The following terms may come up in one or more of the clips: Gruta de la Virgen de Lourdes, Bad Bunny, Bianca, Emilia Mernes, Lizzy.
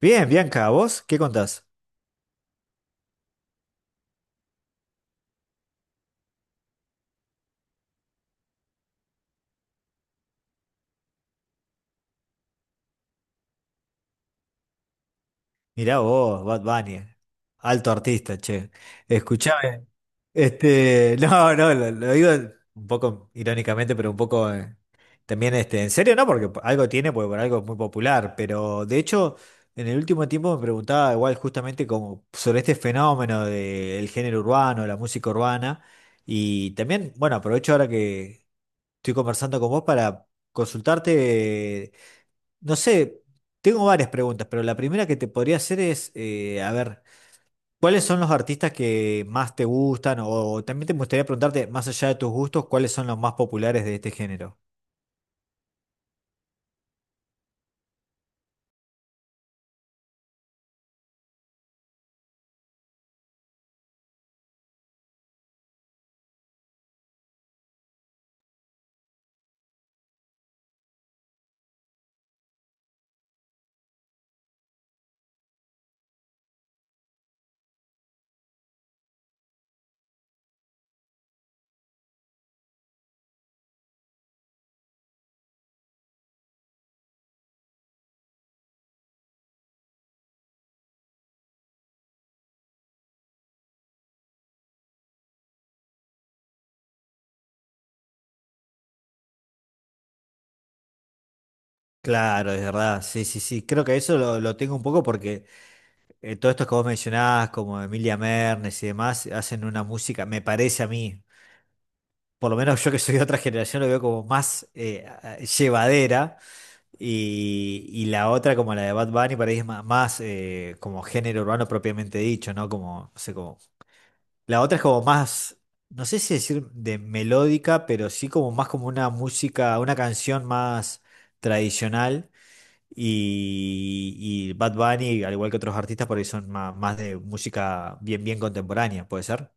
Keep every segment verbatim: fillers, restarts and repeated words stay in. Bien, Bianca, ¿vos qué contás? Mirá vos, Bad Bunny, alto artista, che. Escuchame, este, no, no, lo, lo digo un poco irónicamente, pero un poco eh, también este, en serio, ¿no? Porque algo tiene, porque por algo es muy popular, pero de hecho, en el último tiempo me preguntaba igual justamente como sobre este fenómeno del género urbano, la música urbana, y también, bueno, aprovecho ahora que estoy conversando con vos para consultarte. No sé, tengo varias preguntas, pero la primera que te podría hacer es, eh, a ver, ¿cuáles son los artistas que más te gustan? O, también te gustaría preguntarte, más allá de tus gustos, ¿cuáles son los más populares de este género? Claro, es verdad, sí, sí, sí, creo que eso lo, lo tengo un poco porque eh, todos estos que vos mencionás, como Emilia Mernes y demás, hacen una música, me parece a mí, por lo menos yo que soy de otra generación, lo veo como más eh, a- llevadera. Y, y la otra, como la de Bad Bunny, para mí es ma- más, eh, como género urbano propiamente dicho, ¿no? Como, no sé, como. La otra es como más, no sé si decir de melódica, pero sí como más como una música, una canción más tradicional. Y, y Bad Bunny, al igual que otros artistas, por ahí son más, más de música bien, bien contemporánea, ¿puede ser?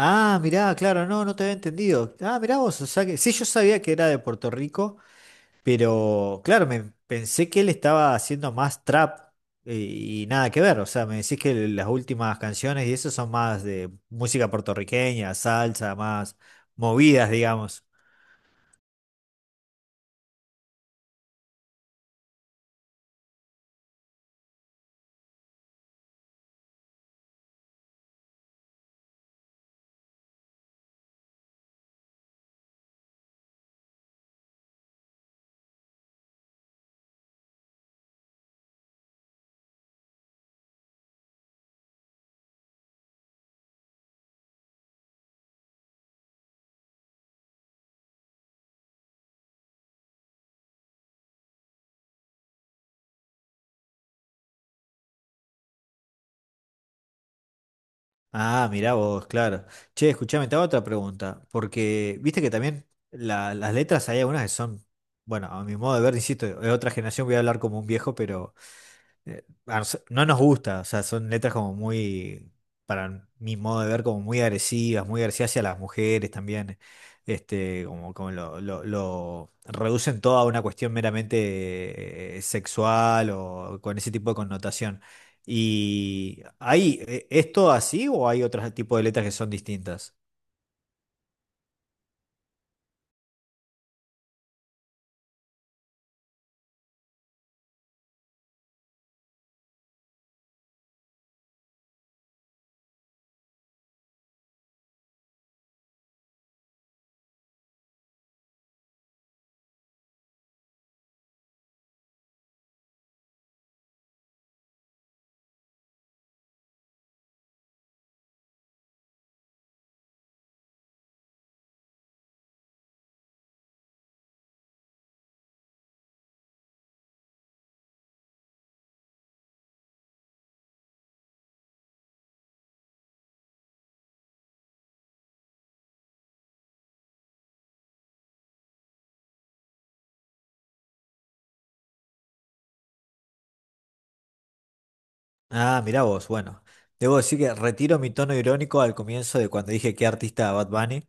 Ah, mirá, claro, no, no te había entendido. Ah, mirá vos, o sea que sí, yo sabía que era de Puerto Rico. Pero claro, me pensé que él estaba haciendo más trap eh, y nada que ver. O sea, me decís que las últimas canciones y eso son más de música puertorriqueña, salsa, más movidas, digamos. Ah, mirá vos, claro. Che, escuchame, te hago otra pregunta. Porque viste que también la- las letras hay algunas que son, bueno, a mi modo de ver, insisto, de otra generación voy a hablar como un viejo, pero eh, a nos- no nos gusta, o sea, son letras como muy, para mi modo de ver, como muy agresivas, muy agresivas hacia las mujeres también, este, como, como lo, lo- lo reducen todo a una cuestión meramente eh, sexual o con ese tipo de connotación. ¿Y hay, eh, es todo así o hay otros tipos de letras que son distintas? Ah, mirá vos, bueno. Debo decir que retiro mi tono irónico al comienzo de cuando dije qué artista Bad Bunny.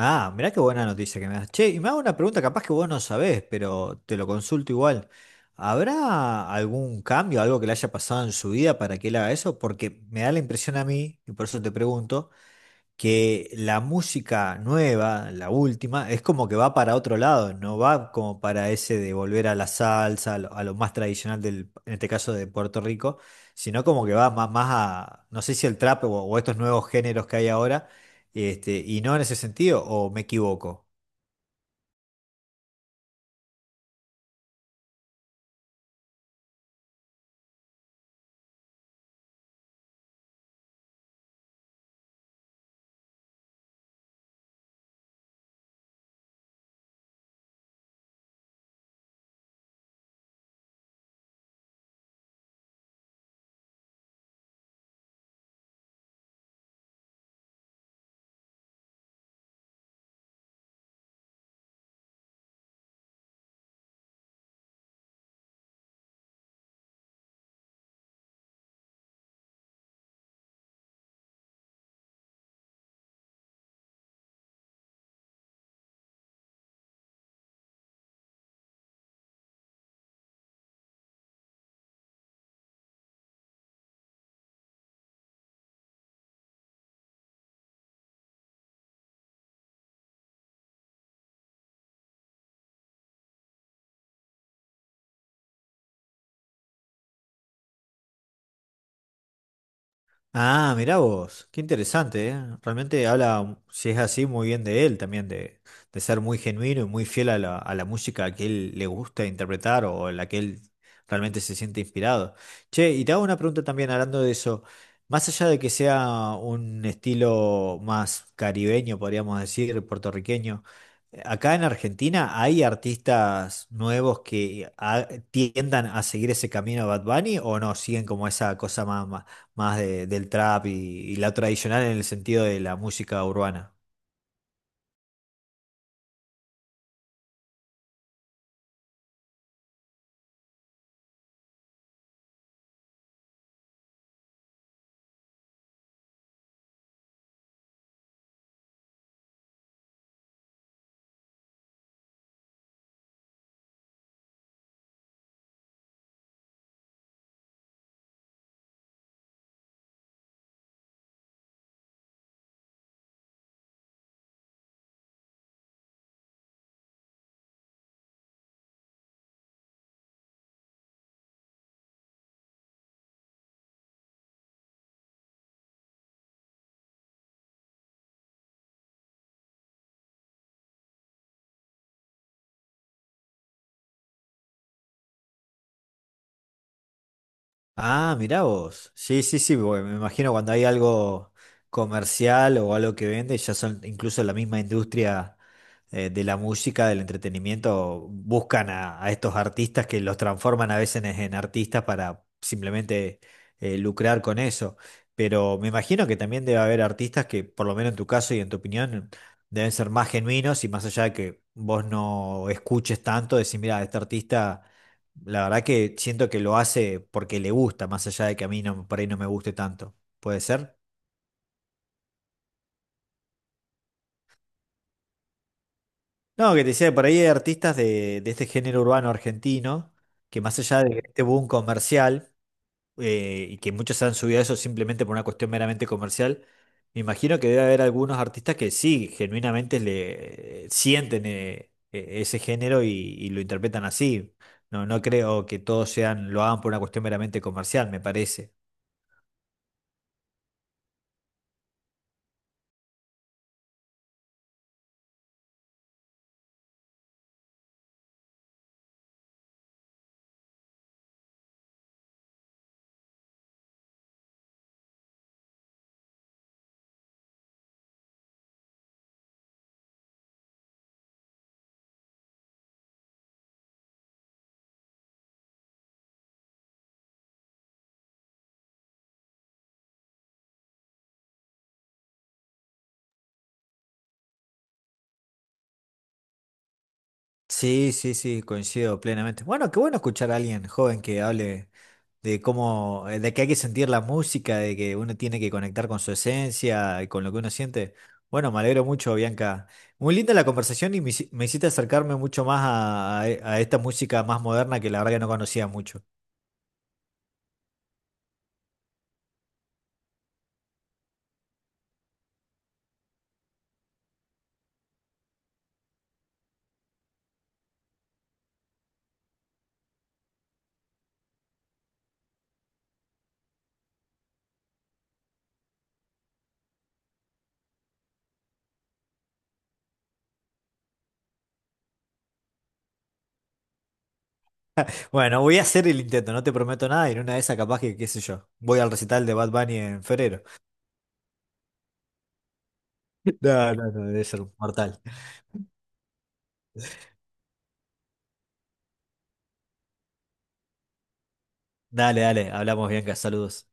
Ah, mirá qué buena noticia que me das. Che, y me hago una pregunta, capaz que vos no sabés, pero te lo consulto igual. ¿Habrá algún cambio, algo que le haya pasado en su vida para que él haga eso? Porque me da la impresión a mí, y por eso te pregunto, que la música nueva, la última, es como que va para otro lado, no va como para ese de volver a la salsa, a lo, a lo más tradicional del, en este caso de Puerto Rico, sino como que va más, más a, no sé si el trap o, o estos nuevos géneros que hay ahora, este, y no en ese sentido, o me equivoco. Ah, mirá vos, qué interesante, ¿eh? Realmente habla, si es así, muy bien de él también, de, de ser muy genuino y muy fiel a la, a la música que él le gusta interpretar o en la que él realmente se siente inspirado. Che, y te hago una pregunta también hablando de eso, más allá de que sea un estilo más caribeño, podríamos decir, puertorriqueño. Acá en Argentina hay artistas nuevos que a- tiendan a seguir ese camino de Bad Bunny o no, siguen como esa cosa más, más, más de- del trap y, y la tradicional en el sentido de la música urbana. Ah, mirá vos. Sí, sí, sí, porque me imagino cuando hay algo comercial o algo que vende, ya son incluso la misma industria eh, de la música, del entretenimiento, buscan a, a estos artistas que los transforman a veces en, en artistas para simplemente eh, lucrar con eso. Pero me imagino que también debe haber artistas que, por lo menos en tu caso y en tu opinión, deben ser más genuinos y más allá de que vos no escuches tanto, decir, mira, este artista, la verdad que siento que lo hace porque le gusta, más allá de que a mí no, por ahí no me guste tanto. ¿Puede ser? No, que te decía, que por ahí hay artistas de, de este género urbano argentino, que más allá de este boom comercial, eh, y que muchos se han subido a eso simplemente por una cuestión meramente comercial, me imagino que debe haber algunos artistas que sí, genuinamente le sienten eh, eh, ese género y, y lo interpretan así. No, no creo que todos sean, lo hagan por una cuestión meramente comercial, me parece. Sí, sí, sí, coincido plenamente. Bueno, qué bueno escuchar a alguien joven que hable de cómo, eh, de que hay que sentir la música, de que uno tiene que conectar con su esencia y con lo que uno siente. Bueno, me alegro mucho, Bianca. Muy linda la conversación y me, hici- me hiciste acercarme mucho más a, a- e, a esta música más moderna que la verdad que no conocía mucho. Bueno, voy a hacer el intento, no te prometo nada, y en una de esas capaz que, qué sé yo, voy al recital de Bad Bunny en febrero. No, no, no, debe ser mortal. Dale, dale, hablamos, Bianca, saludos.